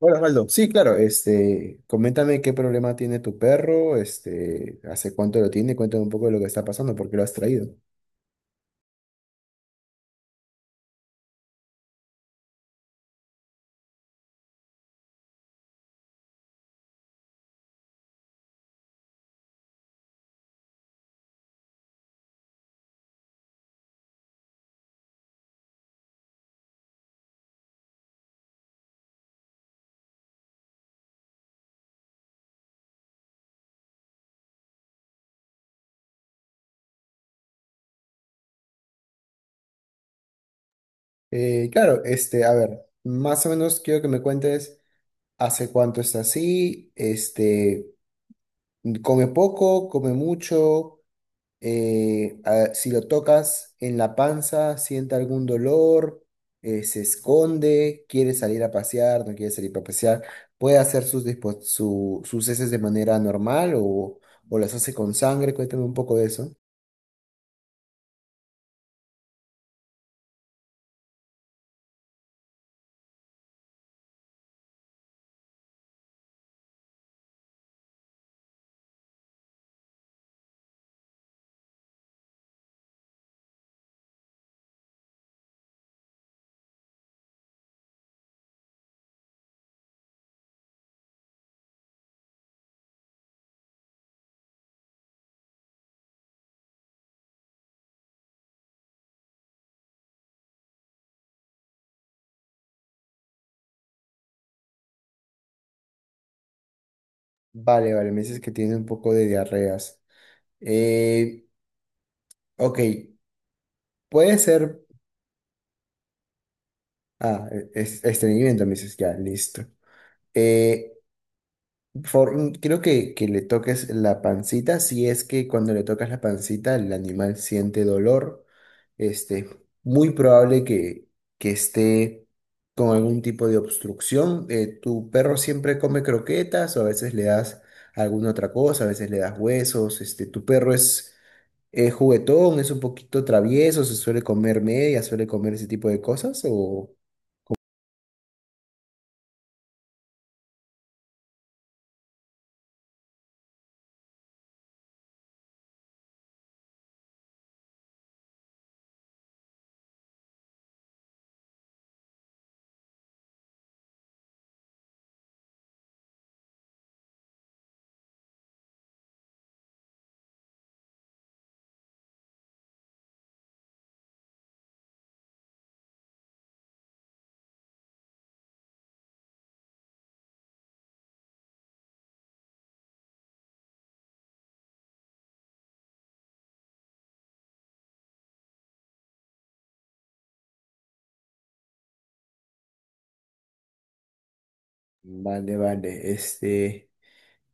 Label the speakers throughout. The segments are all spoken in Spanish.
Speaker 1: Hola, Osvaldo. Sí, claro, coméntame qué problema tiene tu perro, hace cuánto lo tiene, cuéntame un poco de lo que está pasando, por qué lo has traído. Claro, a ver, más o menos quiero que me cuentes hace cuánto está así, come poco, come mucho, si lo tocas en la panza, siente algún dolor, se esconde, quiere salir a pasear, no quiere salir a pasear, puede hacer sus, sus heces de manera normal o las hace con sangre. Cuéntame un poco de eso. Vale, vale, me dices que tiene un poco de diarreas. Eh, ok, puede ser... Ah, estreñimiento, me dices, ya, listo. Creo que le toques la pancita. Si es que cuando le tocas la pancita el animal siente dolor, este, muy probable que esté con algún tipo de obstrucción. Tu perro siempre come croquetas o a veces le das alguna otra cosa, a veces le das huesos. Tu perro es juguetón, es un poquito travieso, se suele comer media, suele comer ese tipo de cosas o... Vale, vale,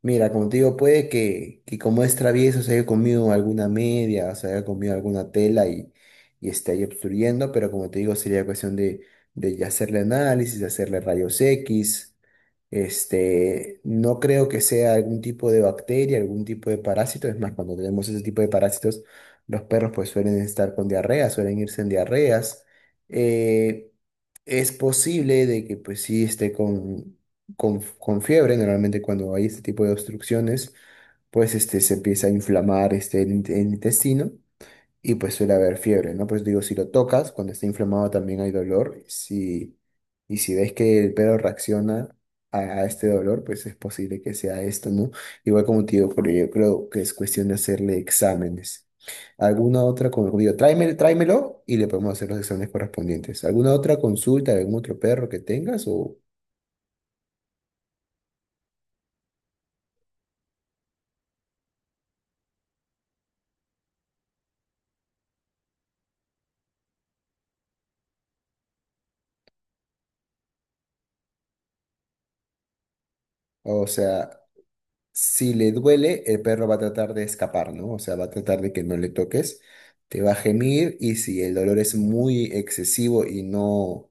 Speaker 1: Mira, como te digo, puede que como es travieso se haya comido alguna media, o se haya comido alguna tela y esté ahí obstruyendo, pero como te digo, sería cuestión de hacerle análisis, de hacerle rayos X. No creo que sea algún tipo de bacteria, algún tipo de parásito. Es más, cuando tenemos ese tipo de parásitos, los perros pues suelen estar con diarrea, suelen irse en diarreas. Eh, es posible de que pues sí esté con fiebre. Normalmente cuando hay este tipo de obstrucciones, pues se empieza a inflamar el intestino y pues suele haber fiebre, ¿no? Pues digo, si lo tocas, cuando está inflamado también hay dolor. Si, y si ves que el perro reacciona a este dolor, pues es posible que sea esto, ¿no? Igual como te digo, pero yo creo que es cuestión de hacerle exámenes. ¿Alguna otra, como digo, tráeme, tráemelo y le podemos hacer los exámenes correspondientes? ¿Alguna otra consulta de algún otro perro que tengas o... O sea, si le duele, el perro va a tratar de escapar, ¿no? O sea, va a tratar de que no le toques, te va a gemir. Y si el dolor es muy excesivo y no,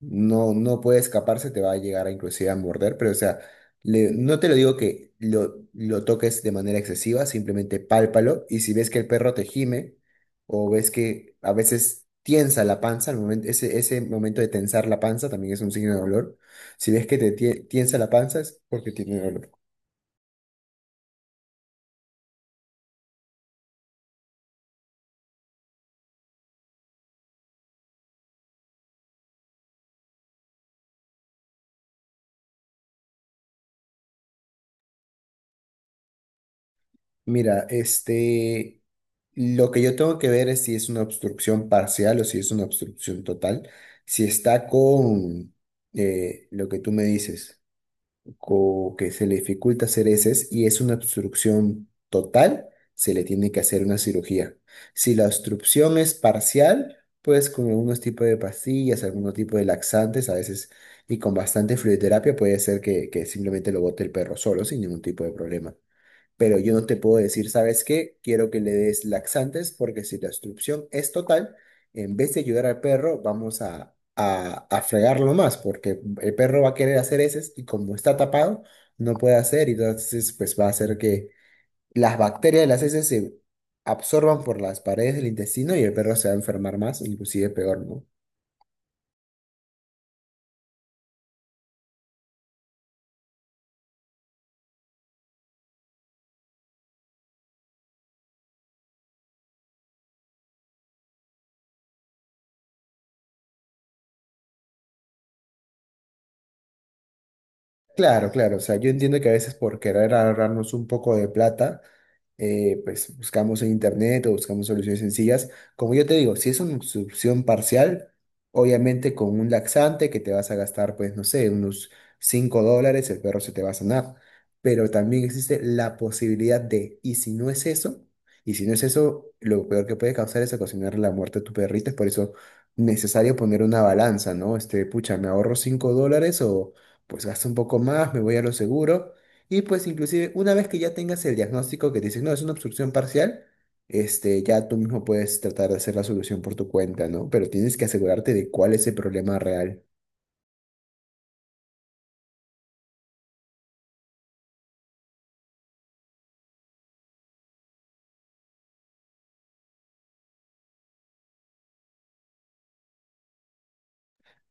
Speaker 1: no puede escaparse, te va a llegar a inclusive a morder, pero o sea, no te lo digo que lo toques de manera excesiva, simplemente pálpalo. Y si ves que el perro te gime o ves que a veces tiensa la panza, el momento, ese momento de tensar la panza también es un signo de dolor. Si ves que te tiensa la panza es porque tiene dolor. Mira, lo que yo tengo que ver es si es una obstrucción parcial o si es una obstrucción total. Si está con lo que tú me dices, que se le dificulta hacer heces y es una obstrucción total, se le tiene que hacer una cirugía. Si la obstrucción es parcial, pues con algunos tipos de pastillas, algunos tipos de laxantes, a veces y con bastante fluidoterapia puede ser que simplemente lo bote el perro solo sin ningún tipo de problema. Pero yo no te puedo decir, ¿sabes qué? Quiero que le des laxantes, porque si la obstrucción es total, en vez de ayudar al perro, vamos a, a fregarlo más, porque el perro va a querer hacer heces y como está tapado, no puede hacer y entonces pues va a hacer que las bacterias de las heces se absorban por las paredes del intestino y el perro se va a enfermar más, inclusive peor, ¿no? Claro, claro. O sea, yo entiendo que a veces por querer ahorrarnos un poco de plata, pues buscamos en internet o buscamos soluciones sencillas. Como yo te digo, si es una solución parcial, obviamente con un laxante que te vas a gastar, pues no sé, unos $5, el perro se te va a sanar. Pero también existe la posibilidad de, y si no es eso, y si no es eso, lo peor que puede causar es ocasionar la muerte a tu perrito. Es por eso necesario poner una balanza, ¿no? Pucha, ¿me ahorro $5 o pues gasto un poco más, me voy a lo seguro? Y pues inclusive una vez que ya tengas el diagnóstico que te dicen, no, es una obstrucción parcial, ya tú mismo puedes tratar de hacer la solución por tu cuenta, ¿no? Pero tienes que asegurarte de cuál es el problema real.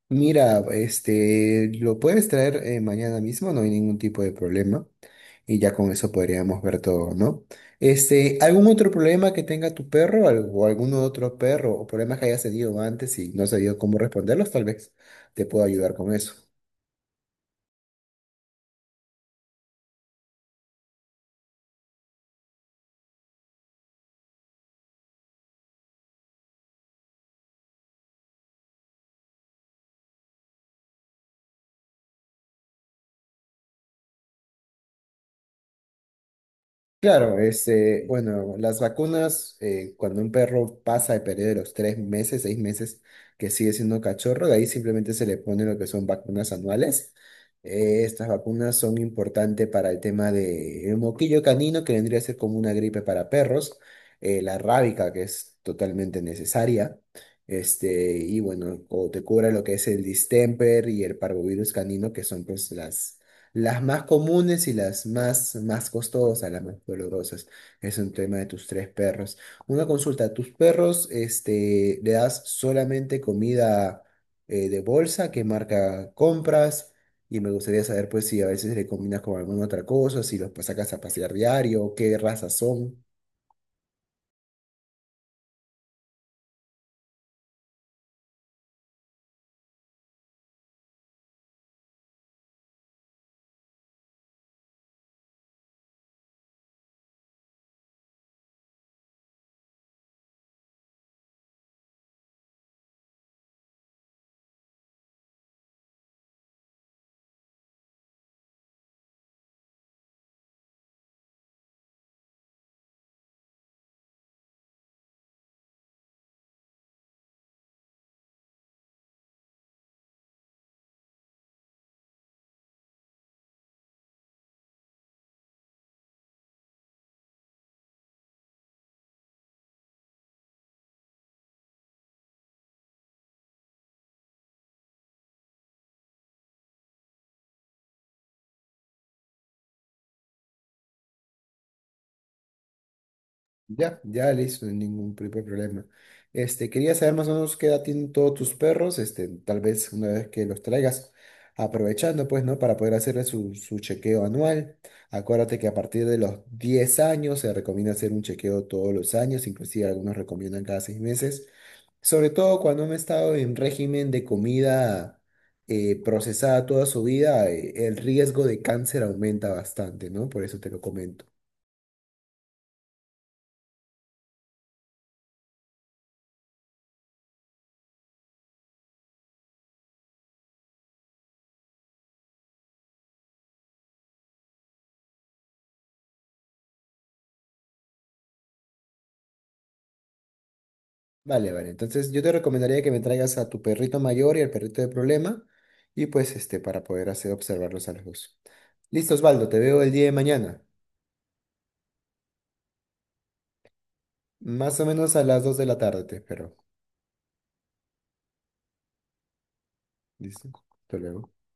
Speaker 1: Mira, lo puedes traer mañana mismo, no hay ningún tipo de problema. Y ya con eso podríamos ver todo, ¿no? ¿Algún otro problema que tenga tu perro o algún otro perro o problemas que hayas tenido antes y no sabido cómo responderlos? Tal vez te puedo ayudar con eso. Claro, bueno, las vacunas, cuando un perro pasa el periodo de los 3 meses, 6 meses, que sigue siendo cachorro, de ahí simplemente se le pone lo que son vacunas anuales. Estas vacunas son importantes para el tema del moquillo canino, que vendría a ser como una gripe para perros, la rábica, que es totalmente necesaria, y bueno, o te cura lo que es el distemper y el parvovirus canino, que son pues las más comunes y las más, más costosas, las más dolorosas. Es un tema de tus tres perros. Una consulta, ¿tus perros, le das solamente comida de bolsa? ¿Qué marca compras? Y me gustaría saber, pues, si a veces le combinas con alguna otra cosa, si los sacas a pasear diario, qué razas son. Ya, ya listo, sin ningún tipo de problema. Quería saber más o menos qué edad tienen todos tus perros, tal vez una vez que los traigas, aprovechando pues, ¿no? Para poder hacerle su, su chequeo anual. Acuérdate que a partir de los 10 años se recomienda hacer un chequeo todos los años, inclusive algunos recomiendan cada 6 meses. Sobre todo cuando han estado en régimen de comida procesada toda su vida. Eh, el riesgo de cáncer aumenta bastante, ¿no? Por eso te lo comento. Vale, vale. Entonces yo te recomendaría que me traigas a tu perrito mayor y al perrito de problema y pues para poder hacer observarlos a los dos. Listo, Osvaldo, te veo el día de mañana. Más o menos a las 2 de la tarde te espero. Listo. Hasta luego.